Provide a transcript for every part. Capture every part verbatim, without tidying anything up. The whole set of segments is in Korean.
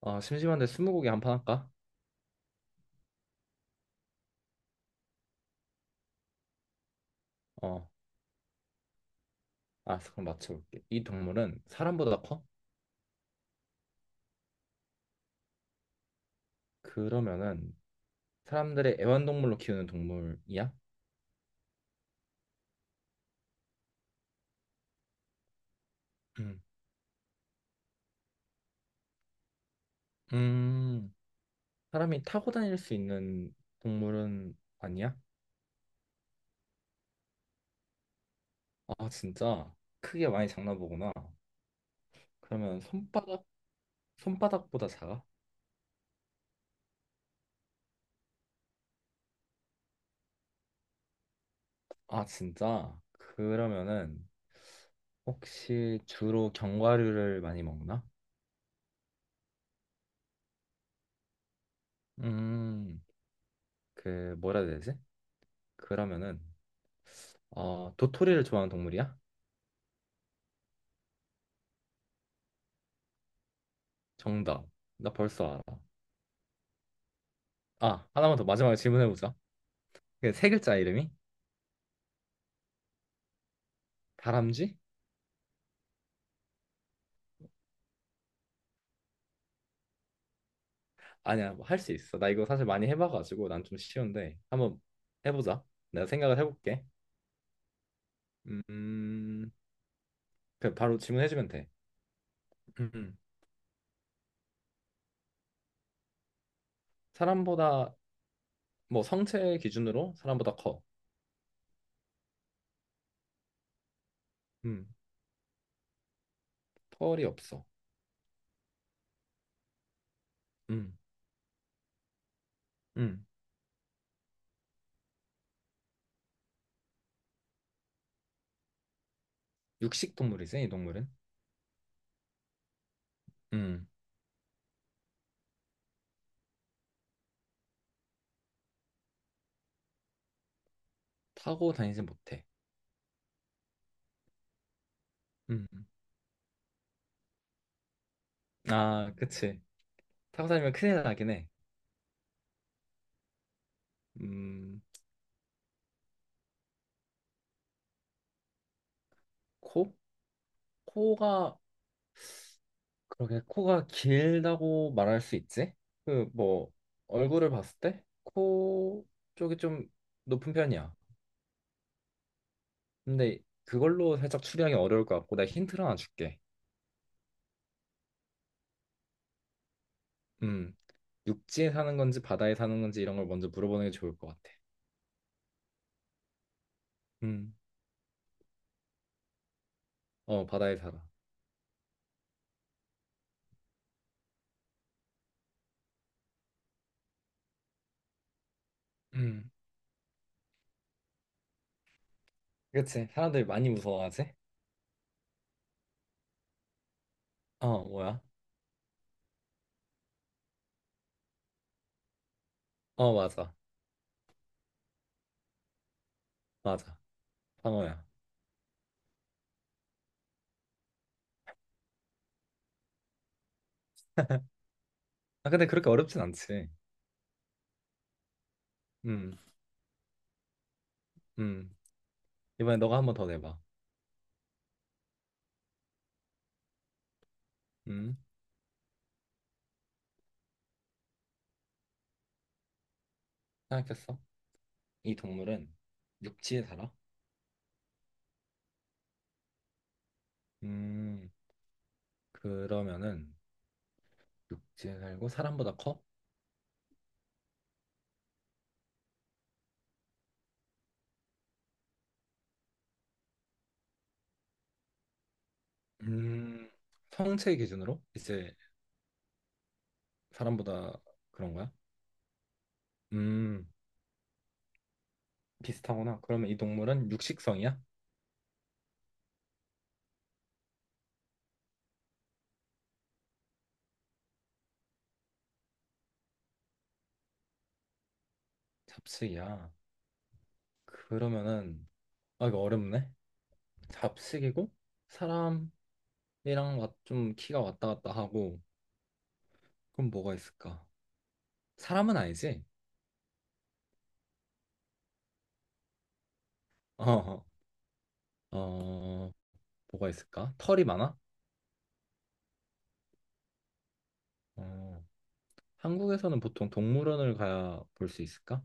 어, 심심한데 스무고개 한 판 할까? 어, 알았어. 그럼 맞춰볼게. 이 동물은 사람보다 커? 그러면은 사람들의 애완동물로 키우는 동물이야? 음. 음, 사람이 타고 다닐 수 있는 동물은 아니야? 아, 진짜 크게 많이 장난보구나. 그러면 손바닥, 손바닥보다 작아? 아, 진짜? 그러면은 혹시 주로 견과류를 많이 먹나? 음, 그 뭐라 해야 되지? 그러면은 어, 도토리를 좋아하는 동물이야? 정답. 나 벌써 알아. 아, 하나만 더 마지막에 질문해보자. 그세 글자 이름이? 다람쥐? 아니야, 뭐 할 수 있어. 나 이거 사실 많이 해봐가지고 난 좀 쉬운데 한번 해보자. 내가 생각을 해볼게. 음, 그 바로 질문해주면 돼. 음, 사람보다 뭐 성체 기준으로 사람보다 커. 음, 털이 없어. 음, 음, 육식 동물이지 이 동물은. 음, 타고 다니지 못해. 음, 아, 그치. 타고 다니면 큰일 나긴 해. 음, 코? 코가 그렇게 코가 길다고 말할 수 있지? 그 뭐 얼굴을 봤을 때 코 쪽이 좀 높은 편이야. 근데 그걸로 살짝 추리하기 어려울 것 같고 내가 힌트를 하나 줄게. 음, 육지에 사는 건지 바다에 사는 건지 이런 걸 먼저 물어보는 게 좋을 것 같아. 음, 어 바다에 살아. 음, 그치. 사람들이 많이 무서워하지? 어 뭐야? 어 맞아, 맞아. 방어야. 아 근데 그렇게 어렵진 않지. 음, 음. 이번에 너가 한번 더 내봐. 음, 생각했어? 이 동물은 육지에 살아? 음, 그러면은 육지에 살고 사람보다 커? 음, 성체 기준으로 이제 사람보다 그런 거야? 음, 비슷하구나. 그러면 이 동물은 육식성이야? 잡식이야. 그러면은 아 이거 어렵네. 잡식이고 사람이랑 와- 좀 키가 왔다 갔다 하고 그럼 뭐가 있을까? 사람은 아니지? 어, 어, 뭐가 있을까? 털이 많아? 어. 한국에서는 보통 동물원을 가야 볼 수 있을까?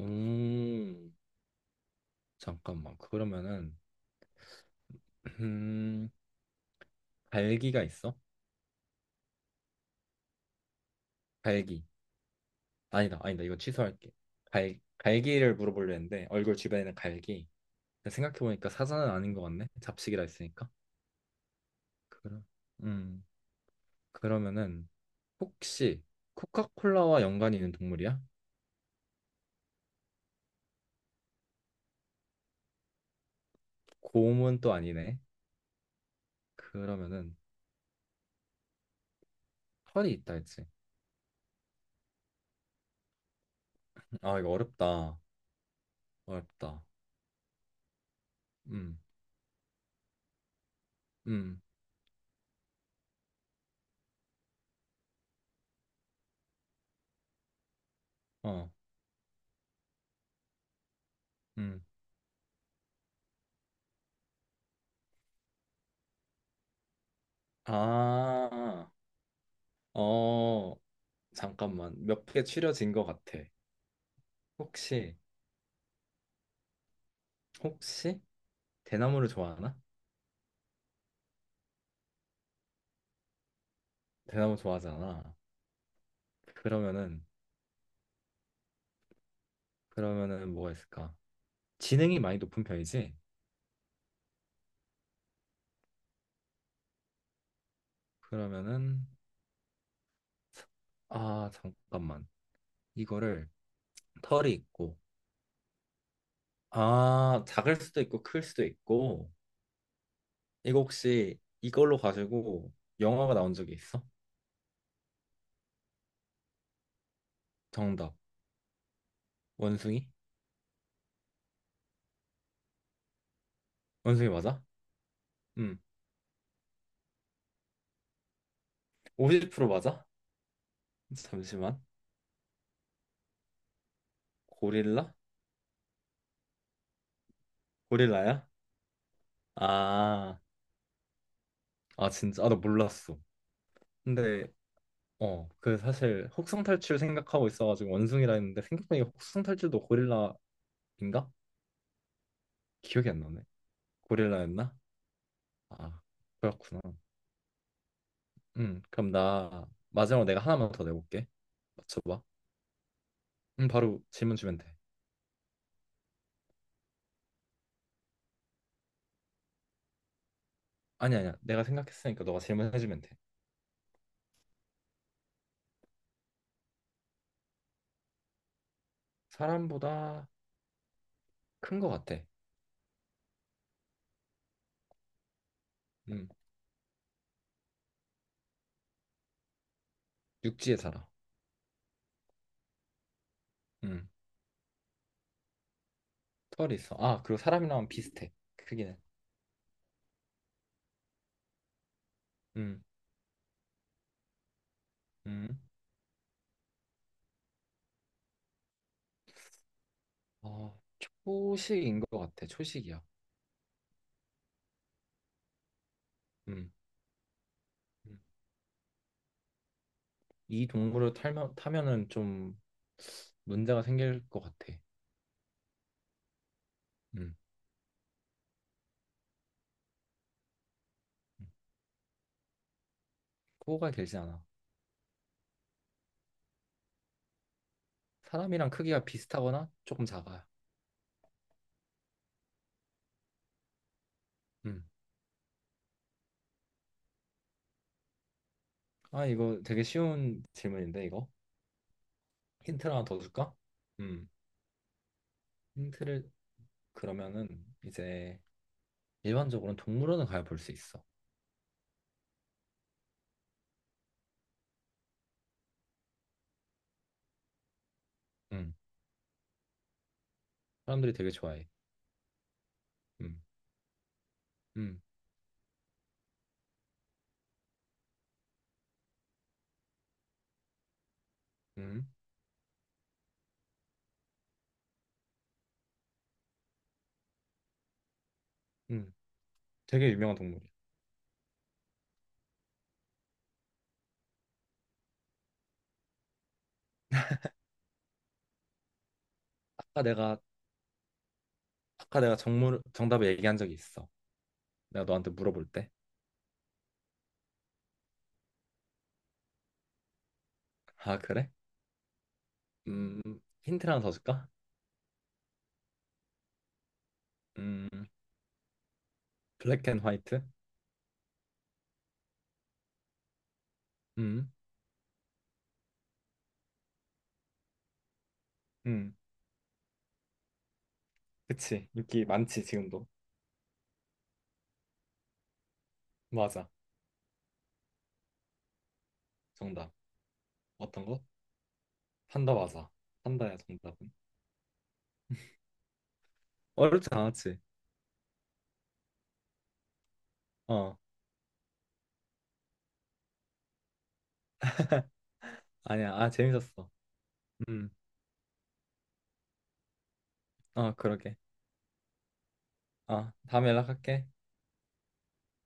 음, 잠깐만. 그러면은 음, 갈기가 있어? 갈기. 아니다, 아니다. 이거 취소할게. 갈 갈기를 물어보려 했는데 얼굴 주변에 는 갈기. 생각해 보니까 사자는 아닌 것 같네. 잡식이라 했으니까. 그럼 음, 그러면은 혹시 코카콜라와 연관이 있는 동물이야? 곰은 또 아니네. 그러면은 털이 있다 했지. 음, 아, 이거 어렵다. 어렵다. 음, 음. 어. 음. 아, 어, 잠깐만. 몇 개 추려진 것 같아. 혹시, 혹시 대나무를 좋아하나? 대나무 좋아하잖아. 그러면은, 그러면은 뭐가 있을까? 지능이 많이 높은 편이지? 그러면은, 아, 잠깐만. 이거를 털이 있고, 아, 작을 수도 있고, 클 수도 있고, 이거 혹시 이걸로 가지고 영화가 나온 적이 있어? 정답. 원숭이? 원숭이 맞아? 음, 오십 퍼센트 맞아? 잠시만. 고릴라? 고릴라야? 아, 아 진짜? 아, 나 몰랐어. 근데 어, 그 사실 혹성탈출 생각하고 있어가지고 원숭이라 했는데 생각보니까 혹성탈출도 고릴라인가? 기억이 안 나네. 고릴라였나? 아, 그렇구나. 음, 그럼 나 마지막으로 내가 하나만 더 내볼게. 맞춰봐. 음, 바로 질문 주면 돼. 아니 아니야. 내가 생각했으니까 너가 질문해주면 돼. 사람보다 큰 거 같아. 음, 육지에 살아. 음, 털이 있어. 아, 그리고 사람이랑 비슷해. 크기는. 음. 음. 어, 초식인 것 같아. 초식이야. 음. 음. 이 동물을 타면, 타면은 좀 문제가 생길 것 같아. 음. 음. 코가 길지 않아. 사람이랑 크기가 비슷하거나 조금 작아요. 음. 아, 이거 되게 쉬운 질문인데, 이거? 힌트를 하나 더 줄까? 음. 힌트를 그러면은 이제 일반적으로는 동물원을 가야 볼 수 있어. 음. 사람들이 되게 좋아해. 음. 음. 음. 음. 되게 유명한 동물이야. 아까 내가 아까 내가 정물, 정답을 얘기한 적이 있어. 내가 너한테 물어볼 때. 아, 그래? 음, 힌트를 하나 더 줄까? 음, 블랙 앤 화이트? 음, 음, 그치. 인기 많지, 지금도. 맞아. 정답. 어떤 거? 판다 맞아. 판다야, 정답은. 어렵지 않았지? 어, 아니야. 아, 재밌었어. 음, 어, 그러게. 아, 다음에 연락할게.